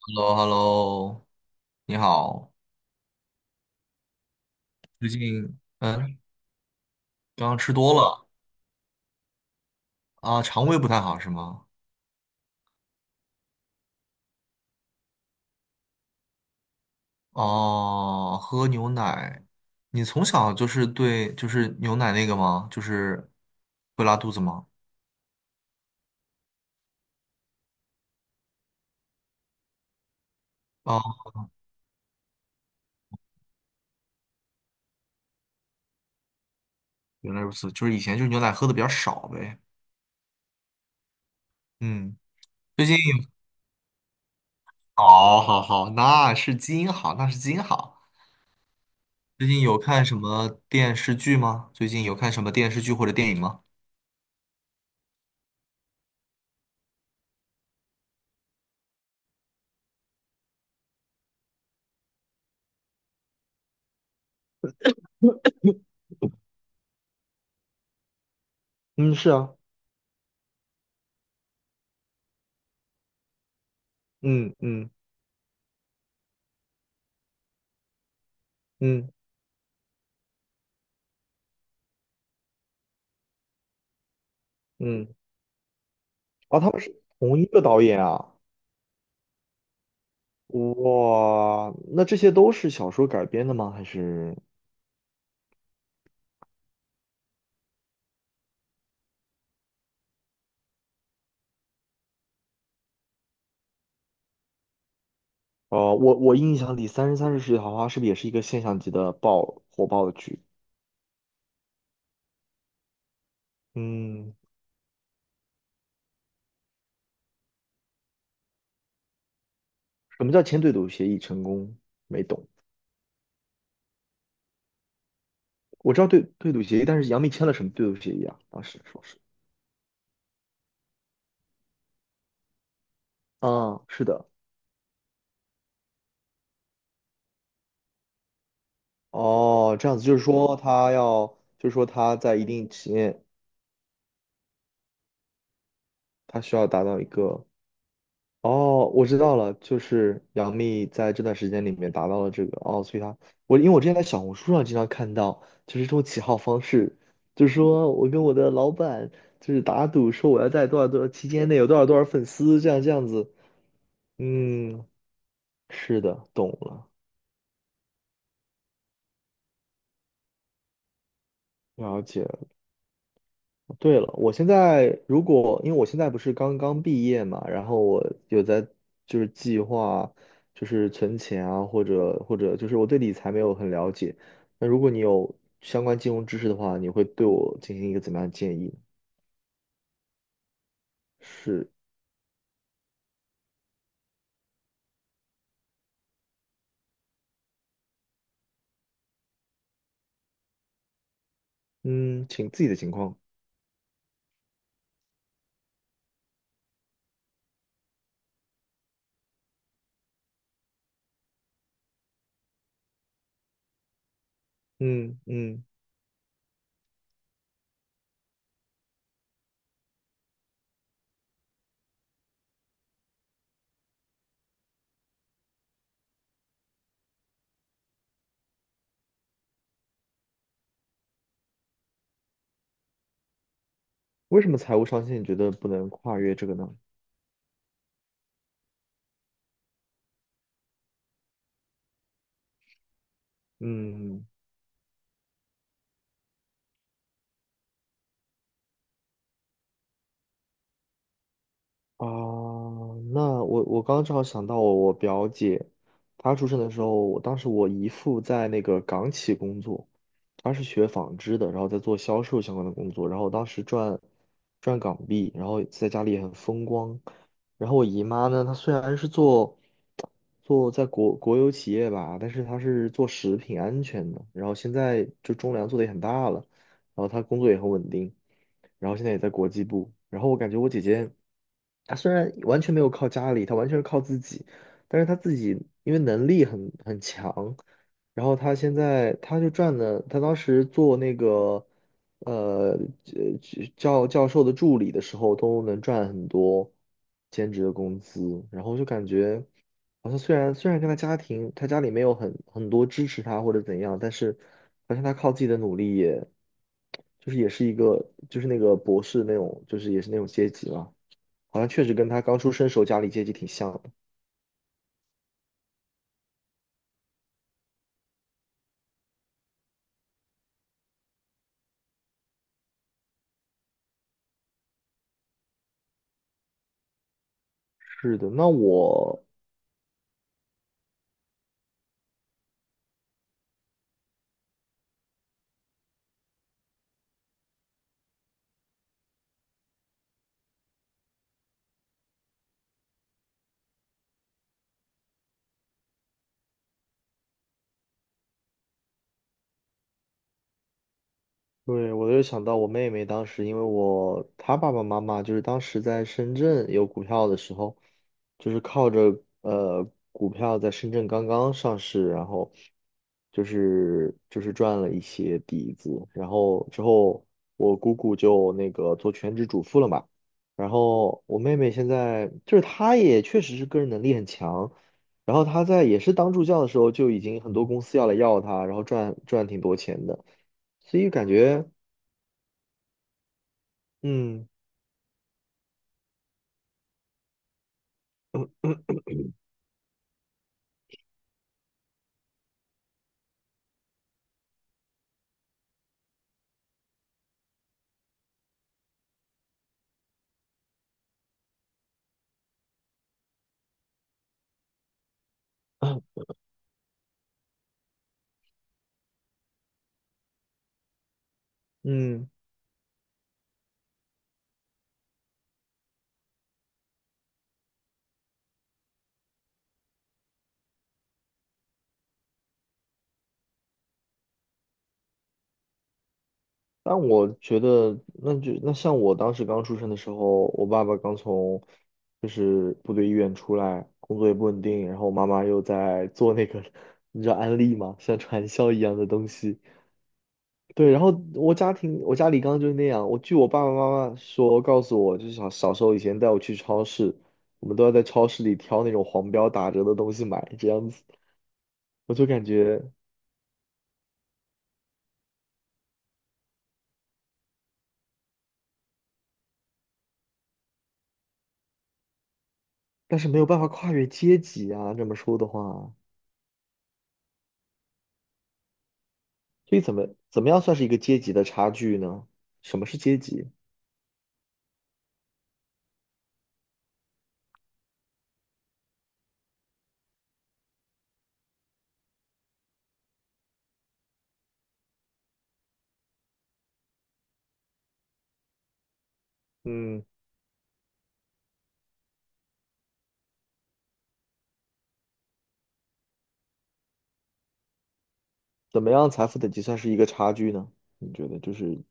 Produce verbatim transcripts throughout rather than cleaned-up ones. h e l l o h e l l o 你好，最近。嗯，刚刚吃多了。啊，肠胃不太好是吗？哦，喝牛奶，你从小就是对就是牛奶那个吗？就是会拉肚子吗？哦，原来如此，就是以前就是牛奶喝的比较少呗。嗯，最近好，好，好，那是基因好，那是基因好。最近有看什么电视剧吗？最近有看什么电视剧或者电影吗？嗯，是啊，嗯嗯嗯嗯。啊，他们是同一个导演啊！哇，那这些都是小说改编的吗？还是呃，我我印象里《三生三世十里桃花》是不是也是一个现象级的爆火爆的剧？嗯，什么叫签对赌协议成功？没懂。我知道对对赌协议，但是杨幂签了什么对赌协议啊？当时说是，嗯，是的。哦，这样子就是说他要，就是说他在一定期限，他需要达到一个。哦，我知道了，就是杨幂在这段时间里面达到了这个，哦，所以她。我因为我之前在小红书上经常看到，就是这种起号方式，就是说我跟我的老板就是打赌说我要在多少多少期间内有多少多少粉丝，这样这样子，嗯，是的，懂了，了解。对了，我现在，如果因为我现在不是刚刚毕业嘛，然后我有在就是计划就是存钱啊，或者或者就是我对理财没有很了解。那如果你有相关金融知识的话，你会对我进行一个怎么样的建议呢？是，嗯，请自己的情况。嗯嗯。为什么财务上限你觉得不能跨越这个呢？嗯。嗯。哦，那我我刚刚正好想到我我表姐，她出生的时候，我当时我姨父在那个港企工作，他是学纺织的，然后在做销售相关的工作，然后当时赚赚港币，然后在家里也很风光。然后我姨妈呢，她虽然是做做在国国有企业吧，但是他是做食品安全的，然后现在就中粮做的也很大了，然后他工作也很稳定，然后现在也在国际部，然后我感觉我姐姐，她虽然完全没有靠家里，她完全是靠自己，但是她自己因为能力很很强，然后她现在她就赚了，她当时做那个呃呃教教授的助理的时候都能赚很多兼职的工资，然后就感觉。好像虽然虽然跟他家庭，他家里没有很很多支持他或者怎样，但是好像他靠自己的努力也，就是也是一个就是那个博士那种，就是也是那种阶级嘛，好像确实跟他刚出生时候家里阶级挺像的。是的，那我。对，我就想到我妹妹当时，因为我她爸爸妈妈就是当时在深圳有股票的时候，就是靠着呃股票在深圳刚刚上市，然后就是就是赚了一些底子，然后之后我姑姑就那个做全职主妇了嘛，然后我妹妹现在就是她也确实是个人能力很强，然后她在也是当助教的时候就已经很多公司要来要她，然后赚赚挺多钱的。所以感觉。嗯嗯。但我觉得，那就那像我当时刚出生的时候，我爸爸刚从就是部队医院出来，工作也不稳定，然后我妈妈又在做那个，你知道安利吗？像传销一样的东西。对，然后我家庭，我家里刚刚就是那样。我据我爸爸妈妈说，告诉我，就是小小时候以前带我去超市，我们都要在超市里挑那种黄标打折的东西买，这样子。我就感觉，但是没有办法跨越阶级啊，这么说的话。所以怎么怎么样算是一个阶级的差距呢？什么是阶级？嗯，怎么样财富等级算是一个差距呢？你觉得就是。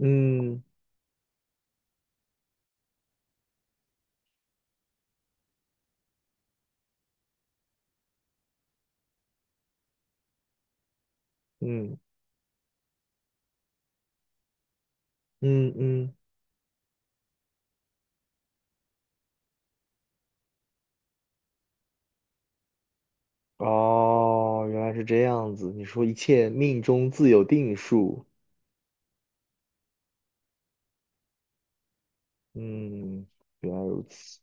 嗯嗯嗯嗯。哦，原来是这样子。你说一切命中自有定数，嗯，原来如此。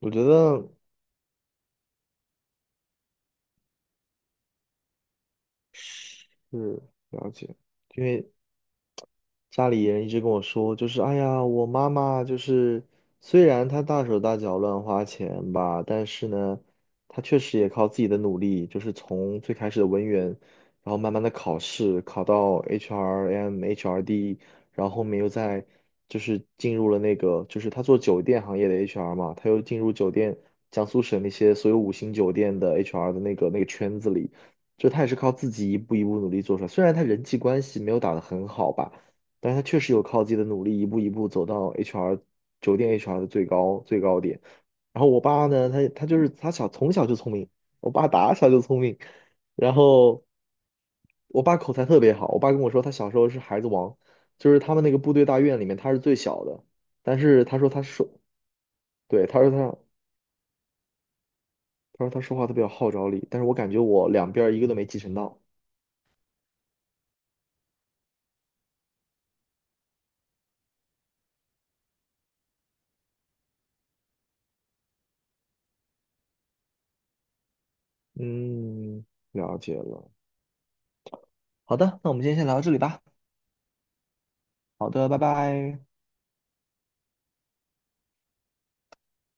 我觉得是。了解。因为家里人一直跟我说，就是哎呀，我妈妈就是虽然她大手大脚乱花钱吧，但是呢，她确实也靠自己的努力，就是从最开始的文员，然后慢慢的考试，考到 H R M、H R D，然后后面又在就是进入了那个，就是她做酒店行业的 H R 嘛，她又进入酒店江苏省那些所有五星酒店的 H R 的那个那个圈子里。就她也是靠自己一步一步努力做出来，虽然她人际关系没有打得很好吧，但是他确实有靠自己的努力，一步一步走到 H R 酒店 H R 的最高最高点。然后我爸呢，他他就是他小从小就聪明，我爸打小就聪明，然后我爸口才特别好，我爸跟我说他小时候是孩子王，就是他们那个部队大院里面他是最小的，但是他说他说，对，他说他他说他说话特别有号召力，但是我感觉我两边儿一个都没继承到。嗯，了解了。好的，那我们今天先聊到这里吧。好的，拜拜。